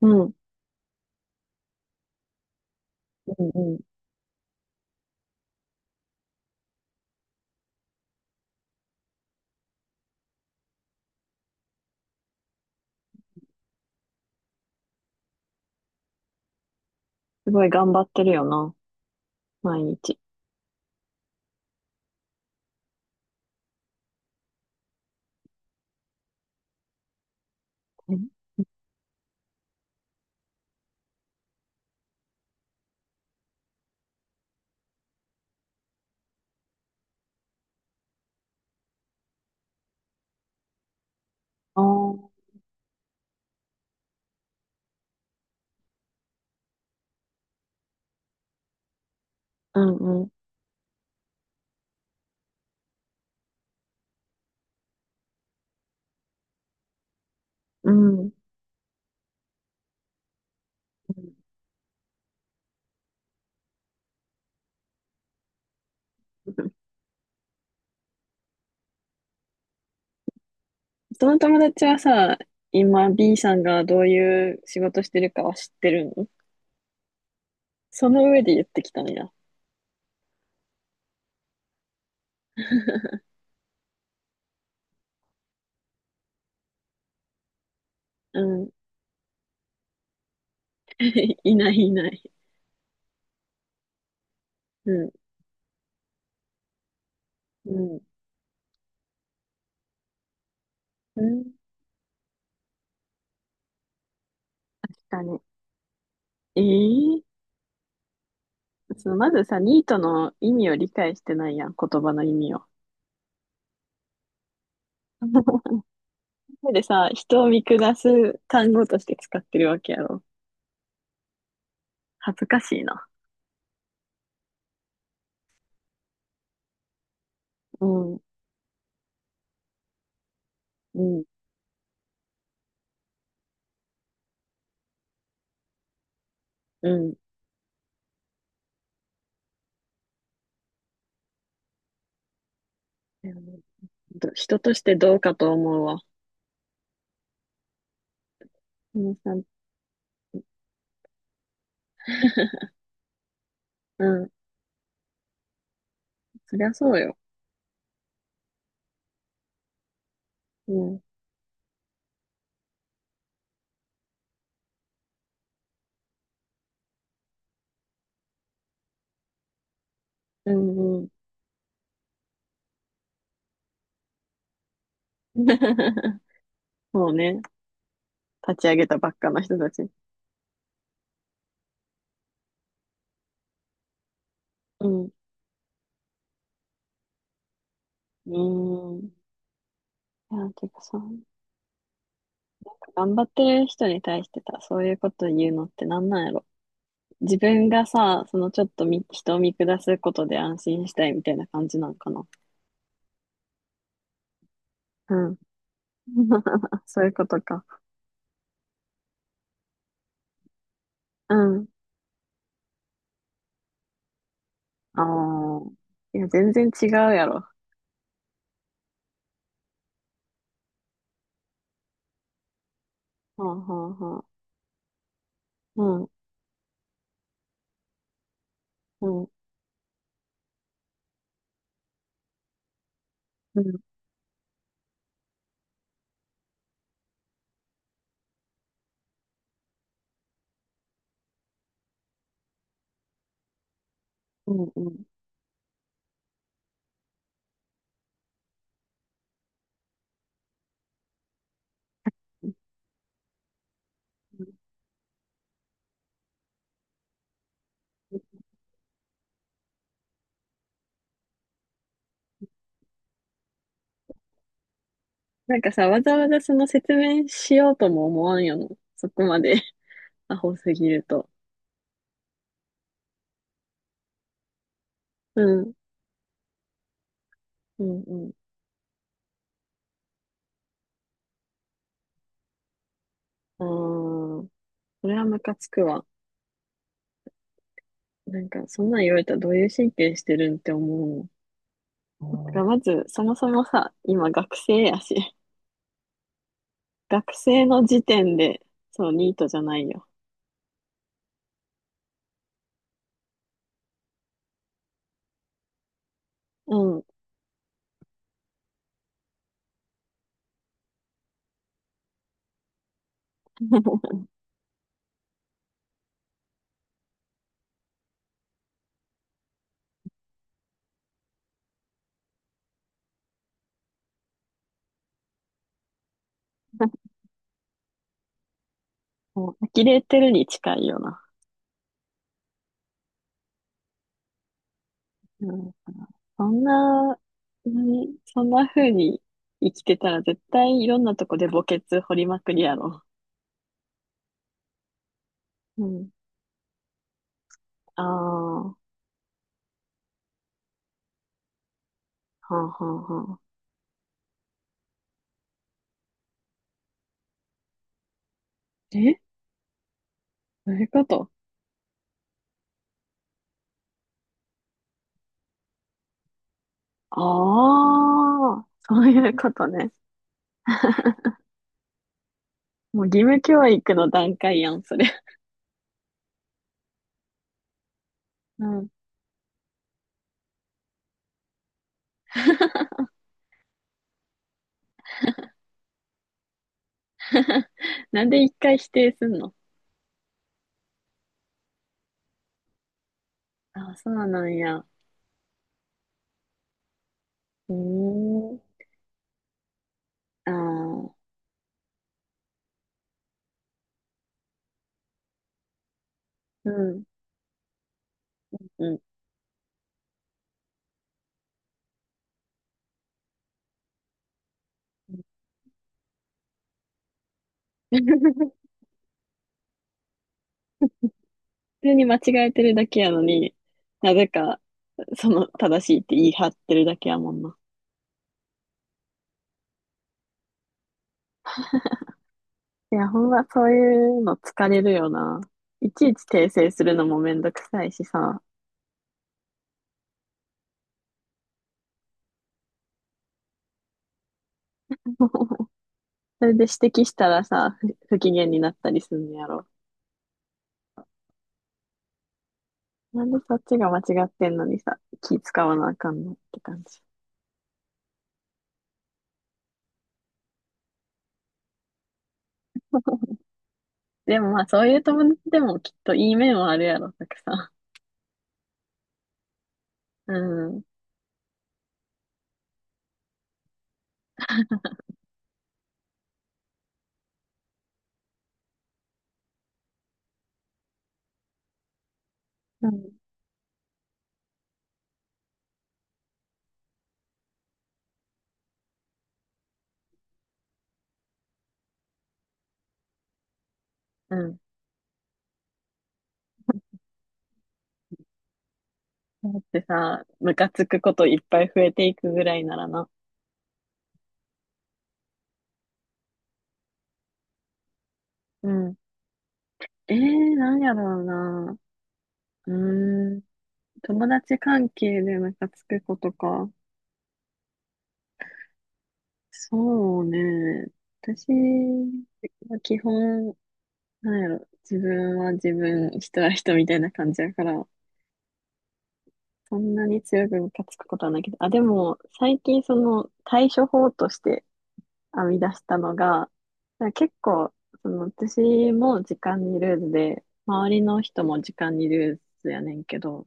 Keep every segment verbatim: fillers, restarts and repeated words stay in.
うん。うんうんうん。すごい頑張ってるよな。毎日。ああ、ーうんうん。うん。うん。その友達はさ、今 ビー さんがどういう仕事してるかは知ってるの？その上で言ってきたんや。うん。いないいない。うん。うん。うん。確かに。ええ、そのまずさ、ニートの意味を理解してないやん、言葉の意味を。でさ、人を見下す単語として使ってるわけやろ。恥ずかしいな。うん、うん、うん。うん。ど人としてどうかと思うわ。うんさ、うん、そりゃそうよ。うん、うん、うん。そうね。立ち上げたばっかの人たち。うん、うん。いや、てかさ、頑張ってる人に対してさ、そういうこと言うのってなんなんやろ。自分がさ、そのちょっとみ人を見下すことで安心したいみたいな感じなんかな。うん。そういうことか。うん。ああ。いや、全然違うやろ。はあ、はあ、はあ。うん、うん、うん、うん、うん。うん。なんかさ、わざわざその説明しようとも思わんよな。そこまで。 アホすぎると。うん、うん、うん。ああ、それはムカつくわ。なんか、そんなん言われたらどういう神経してるんって思うもん。だからまず、そもそもさ、今学生やし、学生の時点で、そう、ニートじゃないよ。うん。もう、呆れてるに近いよな。うん。そんな、何そんな風に生きてたら絶対いろんなとこで墓穴掘りまくりやろ。うん。ああ、はあ、はあ、はあ。え、どういうこと？あ、あーそういうことね。もう義務教育の段階やん、それ。うん。なんで一回否定すんの？ああ、そうなんや。うーん。ああ、うん、うん。普通に間違えてるだけやのに、なぜかその正しいって言い張ってるだけやもんな。いや、ほんまそういうの疲れるよな。いちいち訂正するのもめんどくさいしさ。それで指摘したらさ、不不機嫌になったりすんのやろ。なんでそっちが間違ってんのにさ、気使わなあかんのって感じ。でもまあそういう友達でもきっといい面はあるやろ、たくさん。うん。うん。うん。だってさ、ムカつくこといっぱい増えていくぐらいならな。うん。ええー、なんやろうな。うーん。友達関係でムカつくことか。そうね。私は基本、なんやろ、自分は自分、人は人みたいな感じやから、そんなに強くムカつくことはないけど、あ、でも、最近その対処法として編み出したのが、なんか結構、その私も時間にルーズで、周りの人も時間にルーズやねんけど、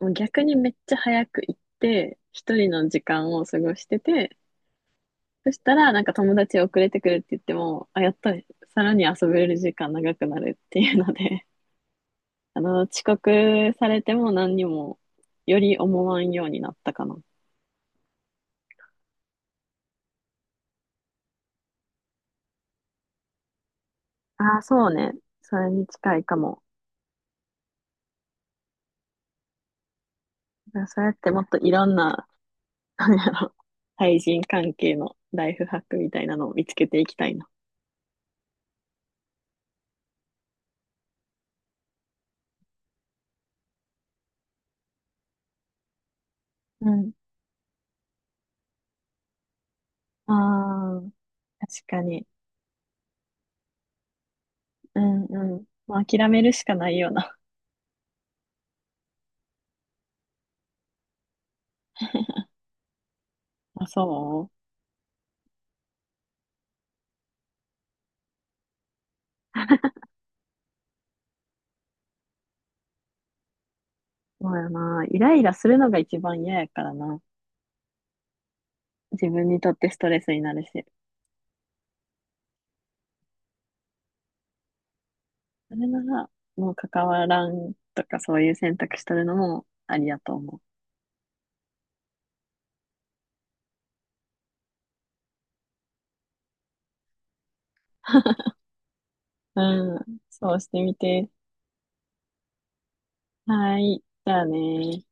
もう逆にめっちゃ早く行って、一人の時間を過ごしてて、そしたら、なんか友達遅れてくるって言っても、あ、やっとさらに遊べる時間長くなるっていうので、あの、遅刻されても何にもより思わんようになったかな。ああ、そうね。それに近いかも。だからそうやってもっといろんな、なんやろ、対人関係のライフハックみたいなのを見つけていきたいな。うん。ああ、確かに。うん、うん。まあ、諦めるしかないよな。あ、そうそうやな。イライラするのが一番嫌やからな。自分にとってストレスになるし、それなら、もう関わらんとかそういう選択しとるのもありやと思う。うん、そうしてみて。はい、じゃあね。